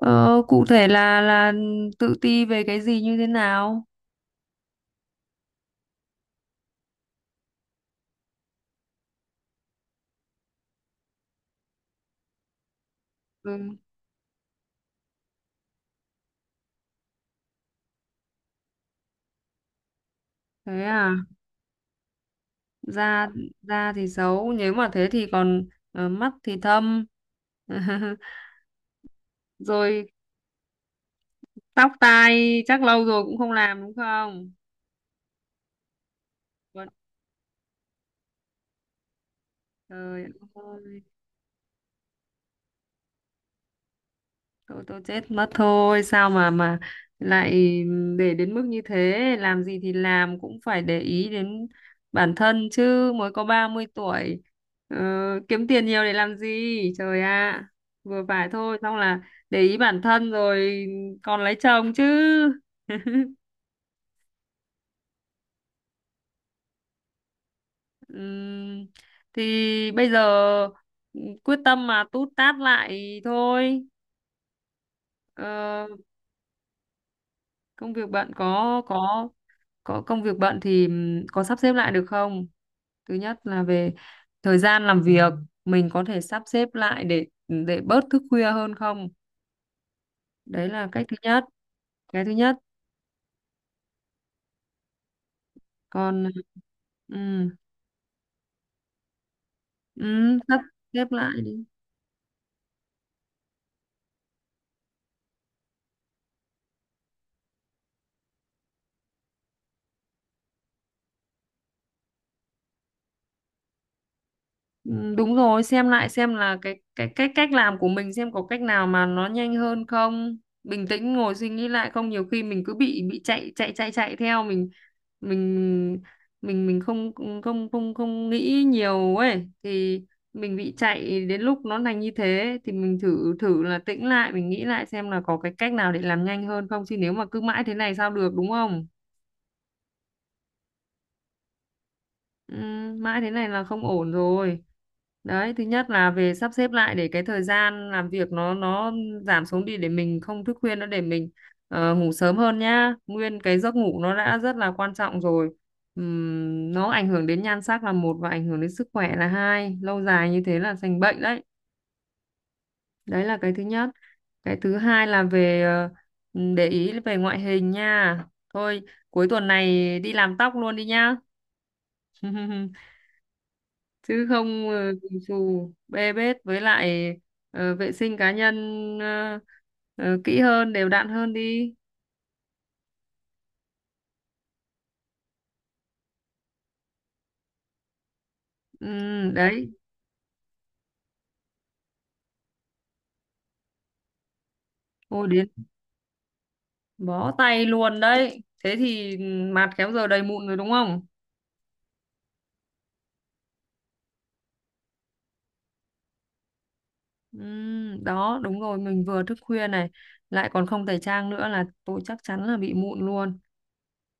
Ờ, Cụ thể là tự ti về cái gì như thế nào? Ừ, thế à, da da thì xấu, nếu mà thế thì còn mắt thì thâm. Rồi tóc tai chắc lâu rồi cũng không làm, đúng không? Vâng, trời ơi. Tôi chết mất thôi, sao mà lại để đến mức như thế, làm gì thì làm cũng phải để ý đến bản thân chứ, mới có 30 tuổi. Ờ, Kiếm tiền nhiều để làm gì? Trời ạ, vừa phải thôi, xong là để ý bản thân rồi còn lấy chồng chứ. Ừm, thì bây giờ quyết tâm mà tút tát lại thôi. Ờ, Công việc bạn có công việc bận thì có sắp xếp lại được không? Thứ nhất là về thời gian làm việc, mình có thể sắp xếp lại để bớt thức khuya hơn không? Đấy là cách thứ nhất, cái thứ nhất. Còn ừm, sắp xếp lại đi. Ừ, đúng rồi, xem lại xem là cái cách cách làm của mình, xem có cách nào mà nó nhanh hơn không. Bình tĩnh ngồi suy nghĩ lại, không nhiều khi mình cứ bị chạy chạy chạy chạy theo, mình mình không không không không nghĩ nhiều ấy, thì mình bị chạy đến lúc nó thành như thế, thì mình thử thử là tĩnh lại, mình nghĩ lại xem là có cái cách nào để làm nhanh hơn không, chứ nếu mà cứ mãi thế này sao được, đúng không? Ừ, mãi thế này là không ổn rồi. Đấy, thứ nhất là về sắp xếp lại để cái thời gian làm việc nó giảm xuống đi, để mình không thức khuya nữa, để mình ngủ sớm hơn nhá. Nguyên cái giấc ngủ nó đã rất là quan trọng rồi. Nó ảnh hưởng đến nhan sắc là một, và ảnh hưởng đến sức khỏe là hai. Lâu dài như thế là thành bệnh đấy. Đấy là cái thứ nhất. Cái thứ hai là về để ý về ngoại hình nha. Thôi, cuối tuần này đi làm tóc luôn đi nhá. Chứ không, bù xù bê bết, với lại vệ sinh cá nhân ờ, kỹ hơn, đều đặn hơn đi. ừ, Đấy, ôi đến bó tay luôn đấy, thế thì mặt khéo giờ đầy mụn rồi đúng không? Ừ, đó đúng rồi, mình vừa thức khuya này lại còn không tẩy trang nữa, là tôi chắc chắn là bị mụn luôn.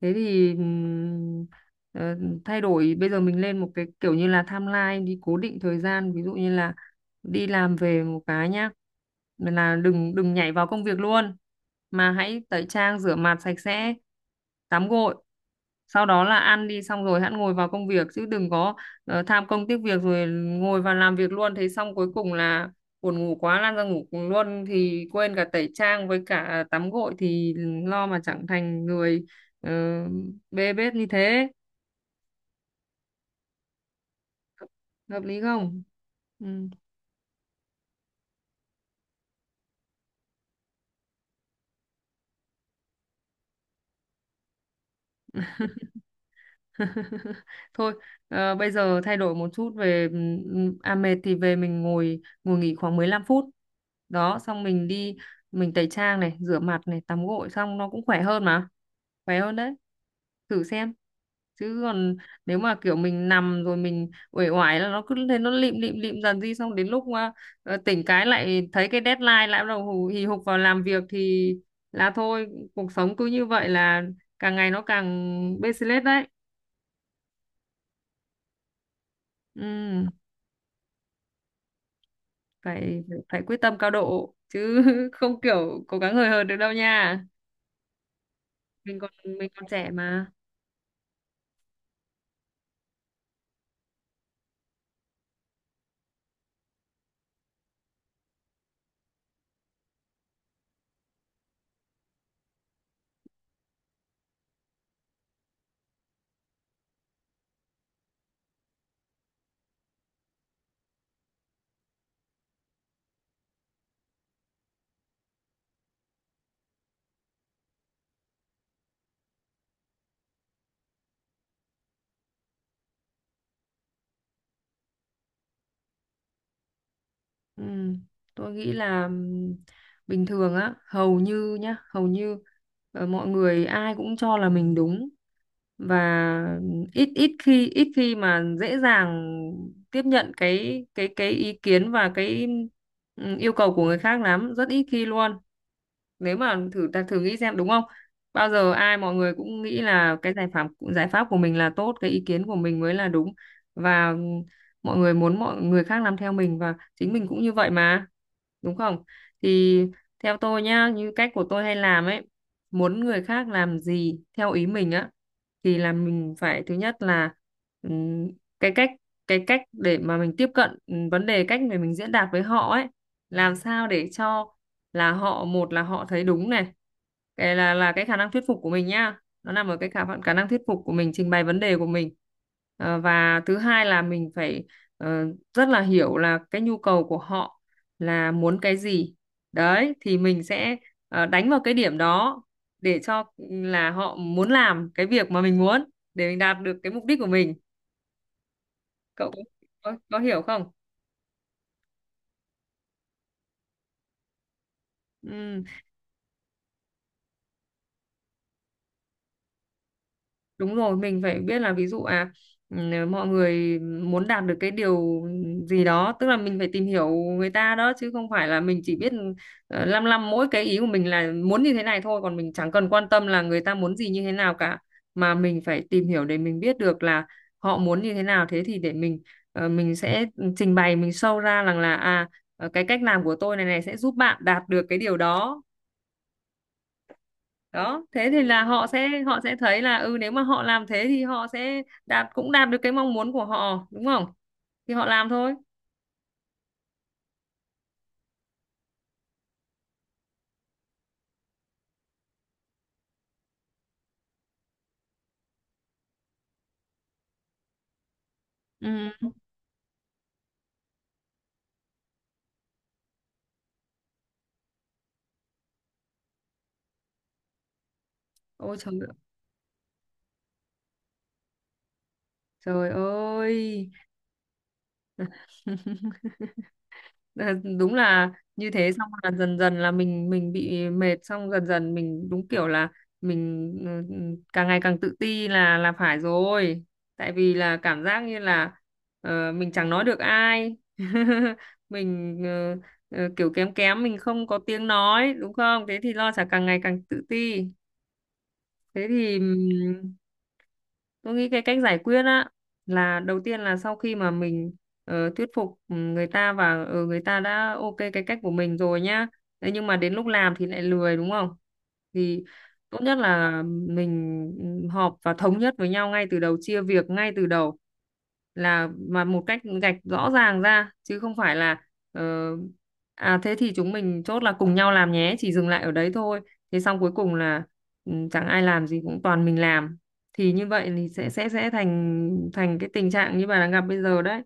Thế thì ờ, thay đổi, bây giờ mình lên một cái kiểu như là timeline đi, cố định thời gian. Ví dụ như là đi làm về một cái nhá. Mà là đừng đừng nhảy vào công việc luôn, mà hãy tẩy trang rửa mặt sạch sẽ, tắm gội, sau đó là ăn đi, xong rồi hẵng ngồi vào công việc, chứ đừng có tham công tiếc việc rồi ngồi vào làm việc luôn, thế xong cuối cùng là buồn ngủ quá lăn ra ngủ luôn, thì quên cả tẩy trang với cả tắm gội, thì lo mà chẳng thành người. Ờ, Bê bết như thế, hợp lý không? Ừ. Thôi, bây giờ thay đổi một chút về mệt thì về mình ngồi ngồi nghỉ khoảng 15 phút đó, xong mình đi, mình tẩy trang này, rửa mặt này, tắm gội xong nó cũng khỏe hơn mà, khỏe hơn đấy, thử xem. Chứ còn nếu mà kiểu mình nằm rồi mình uể oải là nó cứ thế nó lịm lịm lịm dần đi, xong đến lúc mà tỉnh cái lại thấy cái deadline lại bắt đầu hì hục vào làm việc thì là thôi, cuộc sống cứ như vậy là càng ngày nó càng bê xí lết đấy. Ừ, phải phải quyết tâm cao độ chứ không kiểu cố gắng hời hợt được đâu nha, mình còn mình còn trẻ mà. Ừ, tôi nghĩ là bình thường á, hầu như nhá, hầu như mọi người ai cũng cho là mình đúng, và ít ít khi mà dễ dàng tiếp nhận cái ý kiến và cái yêu cầu của người khác lắm, rất ít khi luôn. Nếu mà ta thử nghĩ xem đúng không, bao giờ ai mọi người cũng nghĩ là cái giải pháp của mình là tốt, cái ý kiến của mình mới là đúng, và mọi người muốn mọi người khác làm theo mình, và chính mình cũng như vậy mà, đúng không? Thì theo tôi nhá, như cách của tôi hay làm ấy, muốn người khác làm gì theo ý mình á, thì là mình phải thứ nhất là ừm, cái cách, để mà mình tiếp cận vấn đề, cách để mình diễn đạt với họ ấy, làm sao để cho là họ, một là họ thấy đúng này, cái là cái khả năng thuyết phục của mình nhá, nó nằm ở cái khả khả năng thuyết phục của mình, trình bày vấn đề của mình. Và thứ hai là mình phải ờ, rất là hiểu là cái nhu cầu của họ là muốn cái gì, đấy thì mình sẽ đánh vào cái điểm đó, để cho là họ muốn làm cái việc mà mình muốn, để mình đạt được cái mục đích của mình. Cậu có hiểu không? Ừ, đúng rồi, mình phải biết là ví dụ à, ừ, mọi người muốn đạt được cái điều gì đó, tức là mình phải tìm hiểu người ta đó, chứ không phải là mình chỉ biết lăm lăm mỗi cái ý của mình là muốn như thế này thôi, còn mình chẳng cần quan tâm là người ta muốn gì như thế nào cả, mà mình phải tìm hiểu để mình biết được là họ muốn như thế nào, thế thì để mình mình sẽ trình bày, mình show ra rằng là à, cái cách làm của tôi này này sẽ giúp bạn đạt được cái điều đó. Đó thế thì là họ sẽ thấy là ừ, nếu mà họ làm thế thì họ sẽ cũng đạt được cái mong muốn của họ đúng không, thì họ làm thôi. Ừ. Ôi trời ơi, trời ơi. Ờ, đúng là như thế, xong là dần dần là mình bị mệt, xong dần dần mình đúng kiểu là mình càng ngày càng tự ti là phải rồi, tại vì là cảm giác như là mình chẳng nói được ai mình kiểu kém kém mình không có tiếng nói đúng không, thế thì lo sẽ càng ngày càng tự ti, thế thì tôi nghĩ cái cách giải quyết á là đầu tiên là sau khi mà mình thuyết phục người ta và người ta đã ok cái cách của mình rồi nhá. Thế nhưng mà đến lúc làm thì lại lười đúng không? Thì tốt nhất là mình họp và thống nhất với nhau ngay từ đầu, chia việc ngay từ đầu là mà một cách gạch rõ ràng ra, chứ không phải là ờ, thế thì chúng mình chốt là cùng nhau làm nhé, chỉ dừng lại ở đấy thôi. Thế xong cuối cùng là chẳng ai làm gì, cũng toàn mình làm, thì như vậy thì sẽ thành thành cái tình trạng như bà đang gặp bây giờ đấy.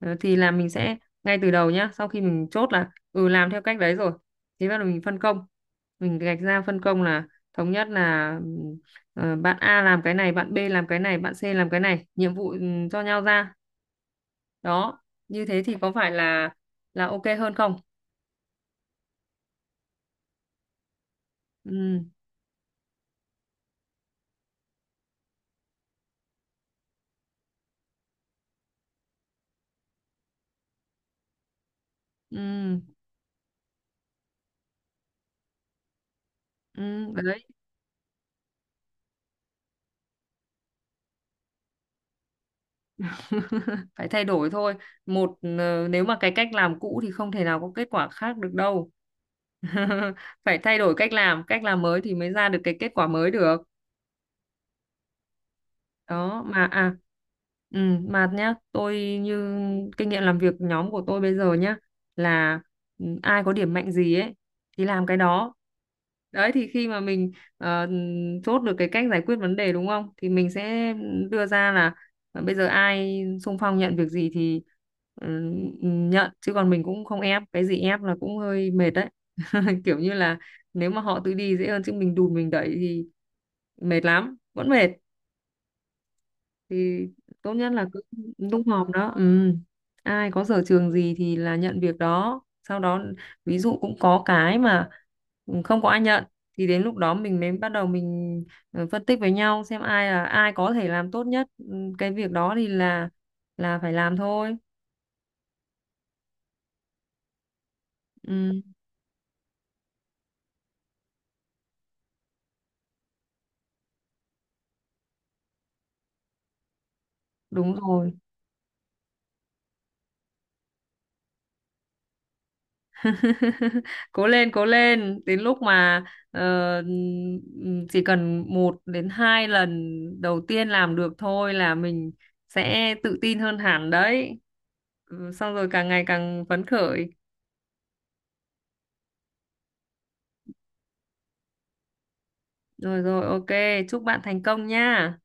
Ờ, thì là mình sẽ ngay từ đầu nhá, sau khi mình chốt là ừ làm theo cách đấy rồi, thì bắt đầu mình phân công, mình gạch ra phân công, là thống nhất là bạn A làm cái này, bạn B làm cái này, bạn C làm cái này, nhiệm vụ cho nhau ra đó, như thế thì có phải là ok hơn không? Ừ, ừ, ừ. Phải thay đổi thôi. Một nếu mà cái cách làm cũ thì không thể nào có kết quả khác được đâu. Phải thay đổi cách làm mới thì mới ra được cái kết quả mới được. Đó mà à, mà nhá, tôi như kinh nghiệm làm việc nhóm của tôi bây giờ nhá, là ai có điểm mạnh gì ấy thì làm cái đó. Đấy thì khi mà mình ờ, chốt được cái cách giải quyết vấn đề, đúng không, thì mình sẽ đưa ra là bây giờ ai xung phong nhận việc gì thì ừ, nhận, chứ còn mình cũng không ép, cái gì ép là cũng hơi mệt đấy. Kiểu như là nếu mà họ tự đi dễ hơn, chứ mình đùn mình đẩy thì mệt lắm, vẫn mệt. Thì tốt nhất là cứ tung hòm đó. Ừ. Ai có sở trường gì thì là nhận việc đó, sau đó ví dụ cũng có cái mà không có ai nhận, thì đến lúc đó mình mới bắt đầu mình phân tích với nhau xem ai có thể làm tốt nhất. Ừ, cái việc đó thì là phải làm thôi. Ừ, đúng rồi. Cố lên, cố lên, đến lúc mà ờ, chỉ cần 1 đến 2 lần đầu tiên làm được thôi là mình sẽ tự tin hơn hẳn đấy. Ừ, xong rồi càng ngày càng phấn khởi. Rồi rồi, ok, chúc bạn thành công nha.